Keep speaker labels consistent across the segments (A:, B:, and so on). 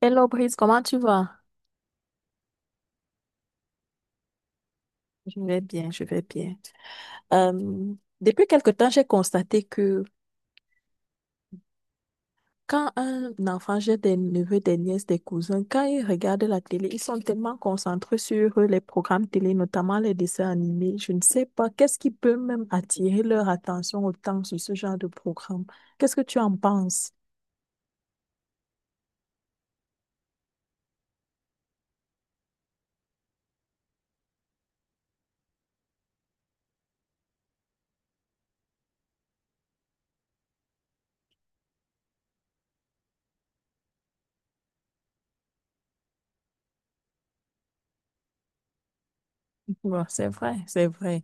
A: Hello Brice, comment tu vas? Je vais bien, je vais bien. Euh, Depuis quelque temps, j'ai constaté que quand un enfant, j'ai des neveux, des nièces, des cousins, quand ils regardent la télé, ils sont tellement concentrés sur les programmes télé, notamment les dessins animés. Je ne sais pas, qu'est-ce qui peut même attirer leur attention autant sur ce genre de programme? Qu'est-ce que tu en penses? Ouais, c'est vrai, c'est vrai.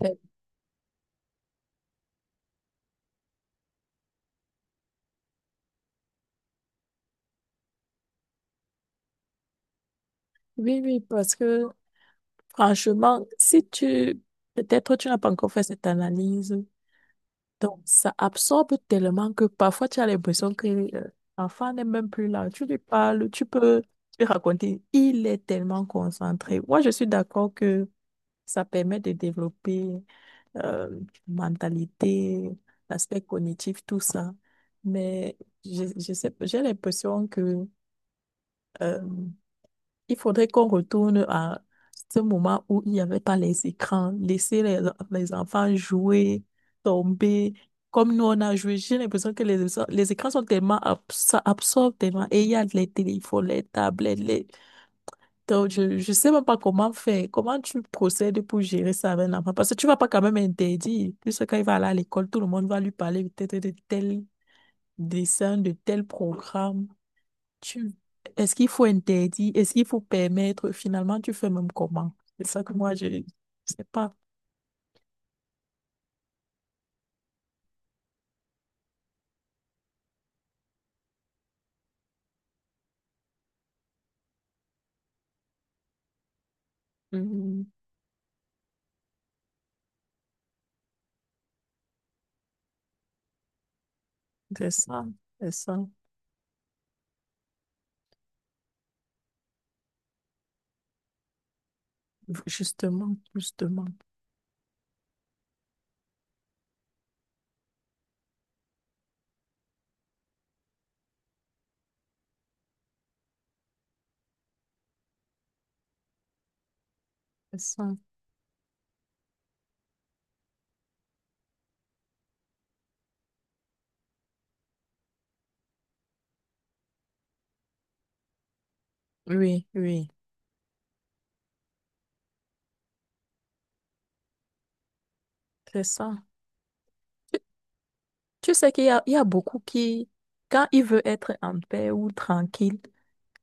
A: C'est- Oui, oui, parce que franchement, si tu... Peut-être tu n'as pas encore fait cette analyse. Donc, ça absorbe tellement que parfois tu as l'impression que euh, l'enfant n'est même plus là. Tu lui parles, tu peux lui raconter. Il est tellement concentré. Moi, je suis d'accord que ça permet de développer, euh, mentalité, l'aspect cognitif, tout ça. Mais je sais, pas, j'ai l'impression que euh, il faudrait qu'on retourne à ce moment où il n'y avait pas les écrans, laisser les enfants jouer, tomber, comme nous on a joué. J'ai l'impression que les écrans sont tellement, ça absorbe tellement. Et il y a les téléphones, les tablettes, Donc, je ne sais même pas comment faire. Comment tu procèdes pour gérer ça avec l'enfant? Parce que tu ne vas pas quand même interdire. Puisque quand il va aller à l'école, tout le monde va lui parler peut-être de tel dessin, de tel programme. Tu... Est-ce qu'il faut interdire? Est-ce qu'il faut permettre? Finalement, tu fais même comment? C'est ça que moi, je ne sais pas. Mhm. C'est ça, c'est ça. Justement, justement, c'est ça. Oui, oui, c'est ça. Tu, tu sais qu'il y a, il y a beaucoup qui, quand il veut être en paix ou tranquille,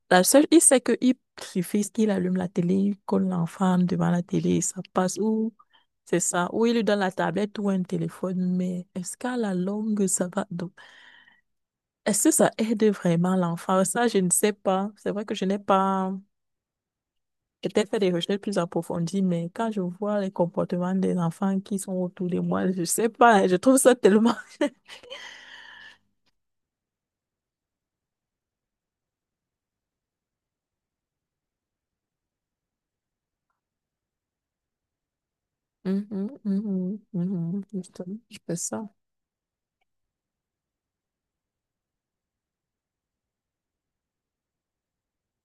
A: la seule, il sait qu'il suffit qu'il allume la télé, il colle l'enfant devant la télé, ça passe. Ou c'est ça. Ou il lui donne la tablette ou un téléphone, mais est-ce qu'à la longue, ça va? Donc, est-ce que ça aide vraiment l'enfant? Ça, je ne sais pas. C'est vrai que je n'ai pas peut-être fait des recherches plus approfondies, mais quand je vois les comportements des enfants qui sont autour de moi, je ne sais pas. Je trouve ça tellement... Mhm, mhm, mhm, justement, je fais ça.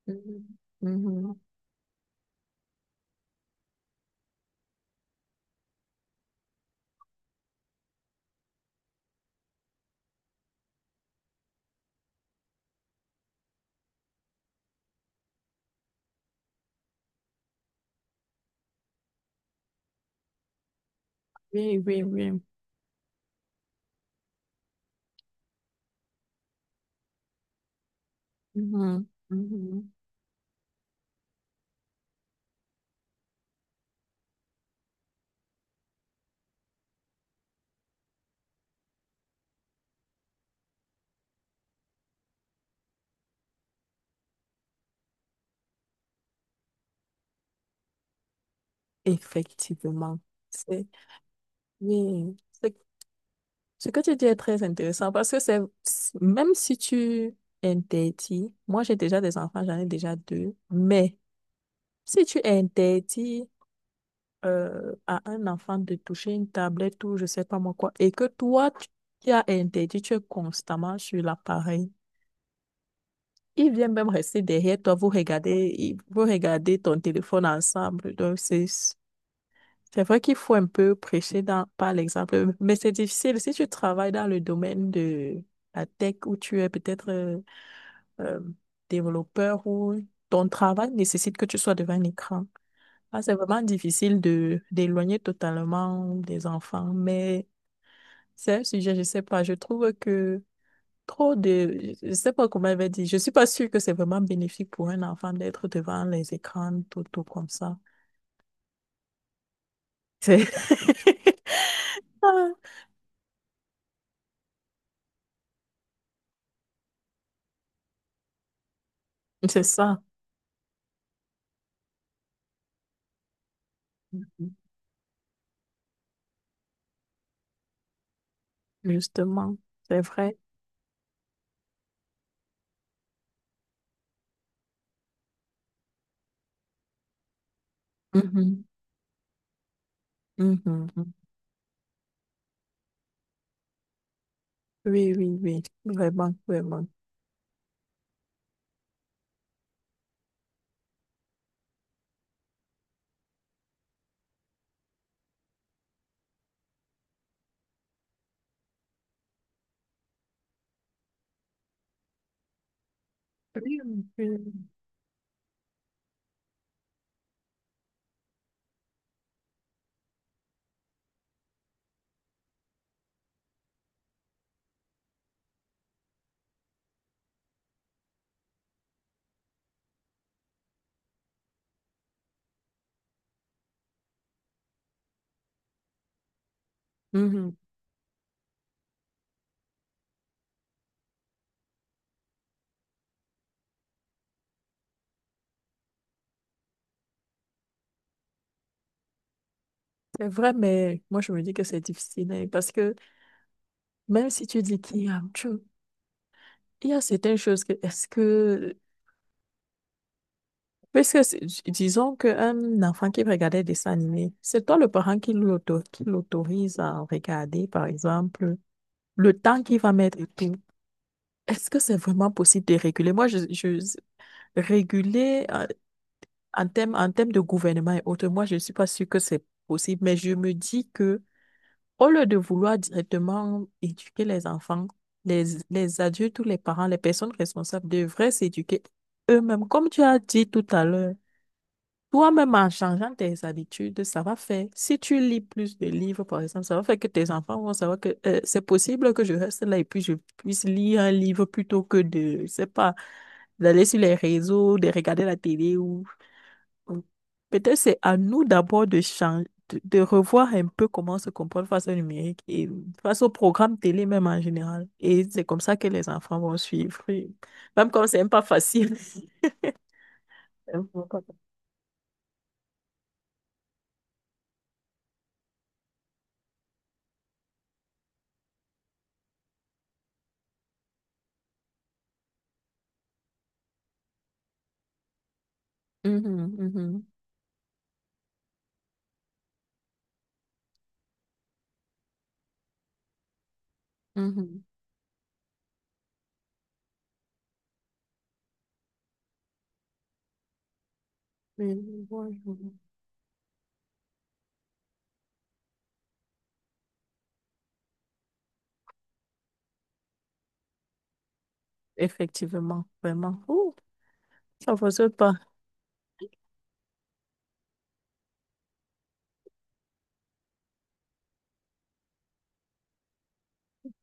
A: Mhm, mhm. Oui, oui, oui. Mhm, mhm. Effectivement. C'est oui. C'est. Ce que tu dis est très intéressant parce que c'est, même si tu interdis, moi j'ai déjà des enfants, j'en ai déjà deux, mais si tu interdis, à un enfant de toucher une tablette ou je sais pas moi quoi, et que toi tu, qui as interdit, tu es constamment sur l'appareil, il vient même rester derrière toi, vous regardez, vous regardez ton téléphone ensemble, donc c'est vrai qu'il faut un peu prêcher dans, par l'exemple, mais c'est difficile. Si tu travailles dans le domaine de la tech où tu es peut-être euh, développeur ou ton travail nécessite que tu sois devant un écran, ah, c'est vraiment difficile de d'éloigner totalement des enfants. Mais c'est un sujet, je sais pas, je trouve que trop de, je sais pas comment elle va dire, je suis pas sûre que c'est vraiment bénéfique pour un enfant d'être devant les écrans tout, tout comme ça. C'est ah, c'est ça. Justement, c'est vrai. Mhm, mhm, mhm. Oui, oui, oui, vraiment, vraiment. Oui, oui. Mhm. C'est vrai, mais moi je me dis que c'est difficile hein, parce que même si tu dis qu'il y a, il y a certaines choses que est-ce que parce que disons qu'un enfant qui regardait des dessins animés, c'est toi le parent qui lui qui l'autorise à regarder, par exemple, le temps qu'il va mettre et tout. Est-ce que c'est vraiment possible de réguler? Moi, je réguler en termes en termes de gouvernement et autres, moi, je ne suis pas sûre que c'est possible, mais je me dis que au lieu de vouloir directement éduquer les enfants, les, les adultes ou les parents, les personnes responsables devraient s'éduquer eux-mêmes. Comme tu as dit tout à l'heure, toi-même, en changeant tes habitudes, ça va faire, si tu lis plus de livres, par exemple, ça va faire que tes enfants vont savoir que c'est possible que je reste là et puis je puisse lire un livre plutôt que de, je sais pas, d'aller sur les réseaux, de regarder la télé ou mm. Peut-être c'est à nous d'abord de changer, de revoir un peu comment on se comporte face au numérique et face au programme télé même en général. Et c'est comme ça que les enfants vont suivre. Et même quand c'est même pas facile. Mhm, mhm, mhm. Mais je vois, je vois. Effectivement, vraiment. Ouh, ça ne fonctionne pas.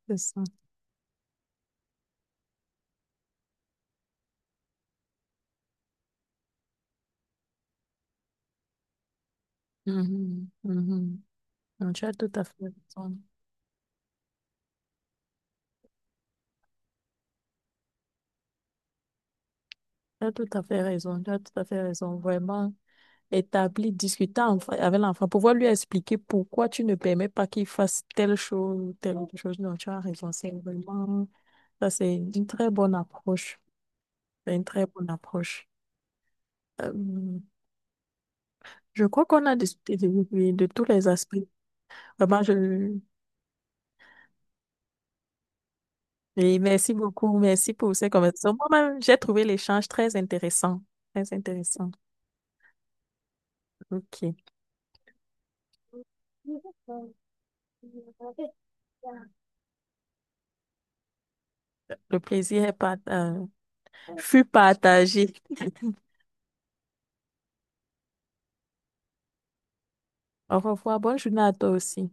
A: C'est ça. Mhm, mhm. Non, tu as tout à fait raison. Tu as tout à fait raison. Tu as tout à fait raison. Vraiment. Établi, discuter avec l'enfant, pouvoir lui expliquer pourquoi tu ne permets pas qu'il fasse telle chose ou telle autre chose. Non, tu as raison, c'est vraiment, ça c'est une très bonne approche. C'est une très bonne approche. Euh, je crois qu'on a discuté de, de tous les aspects. Vraiment, je, et merci beaucoup, merci pour ces conversations. Moi-même, j'ai trouvé l'échange très intéressant. Très intéressant. OK. Le plaisir est fut partagé. Au revoir. Bonne journée à toi aussi.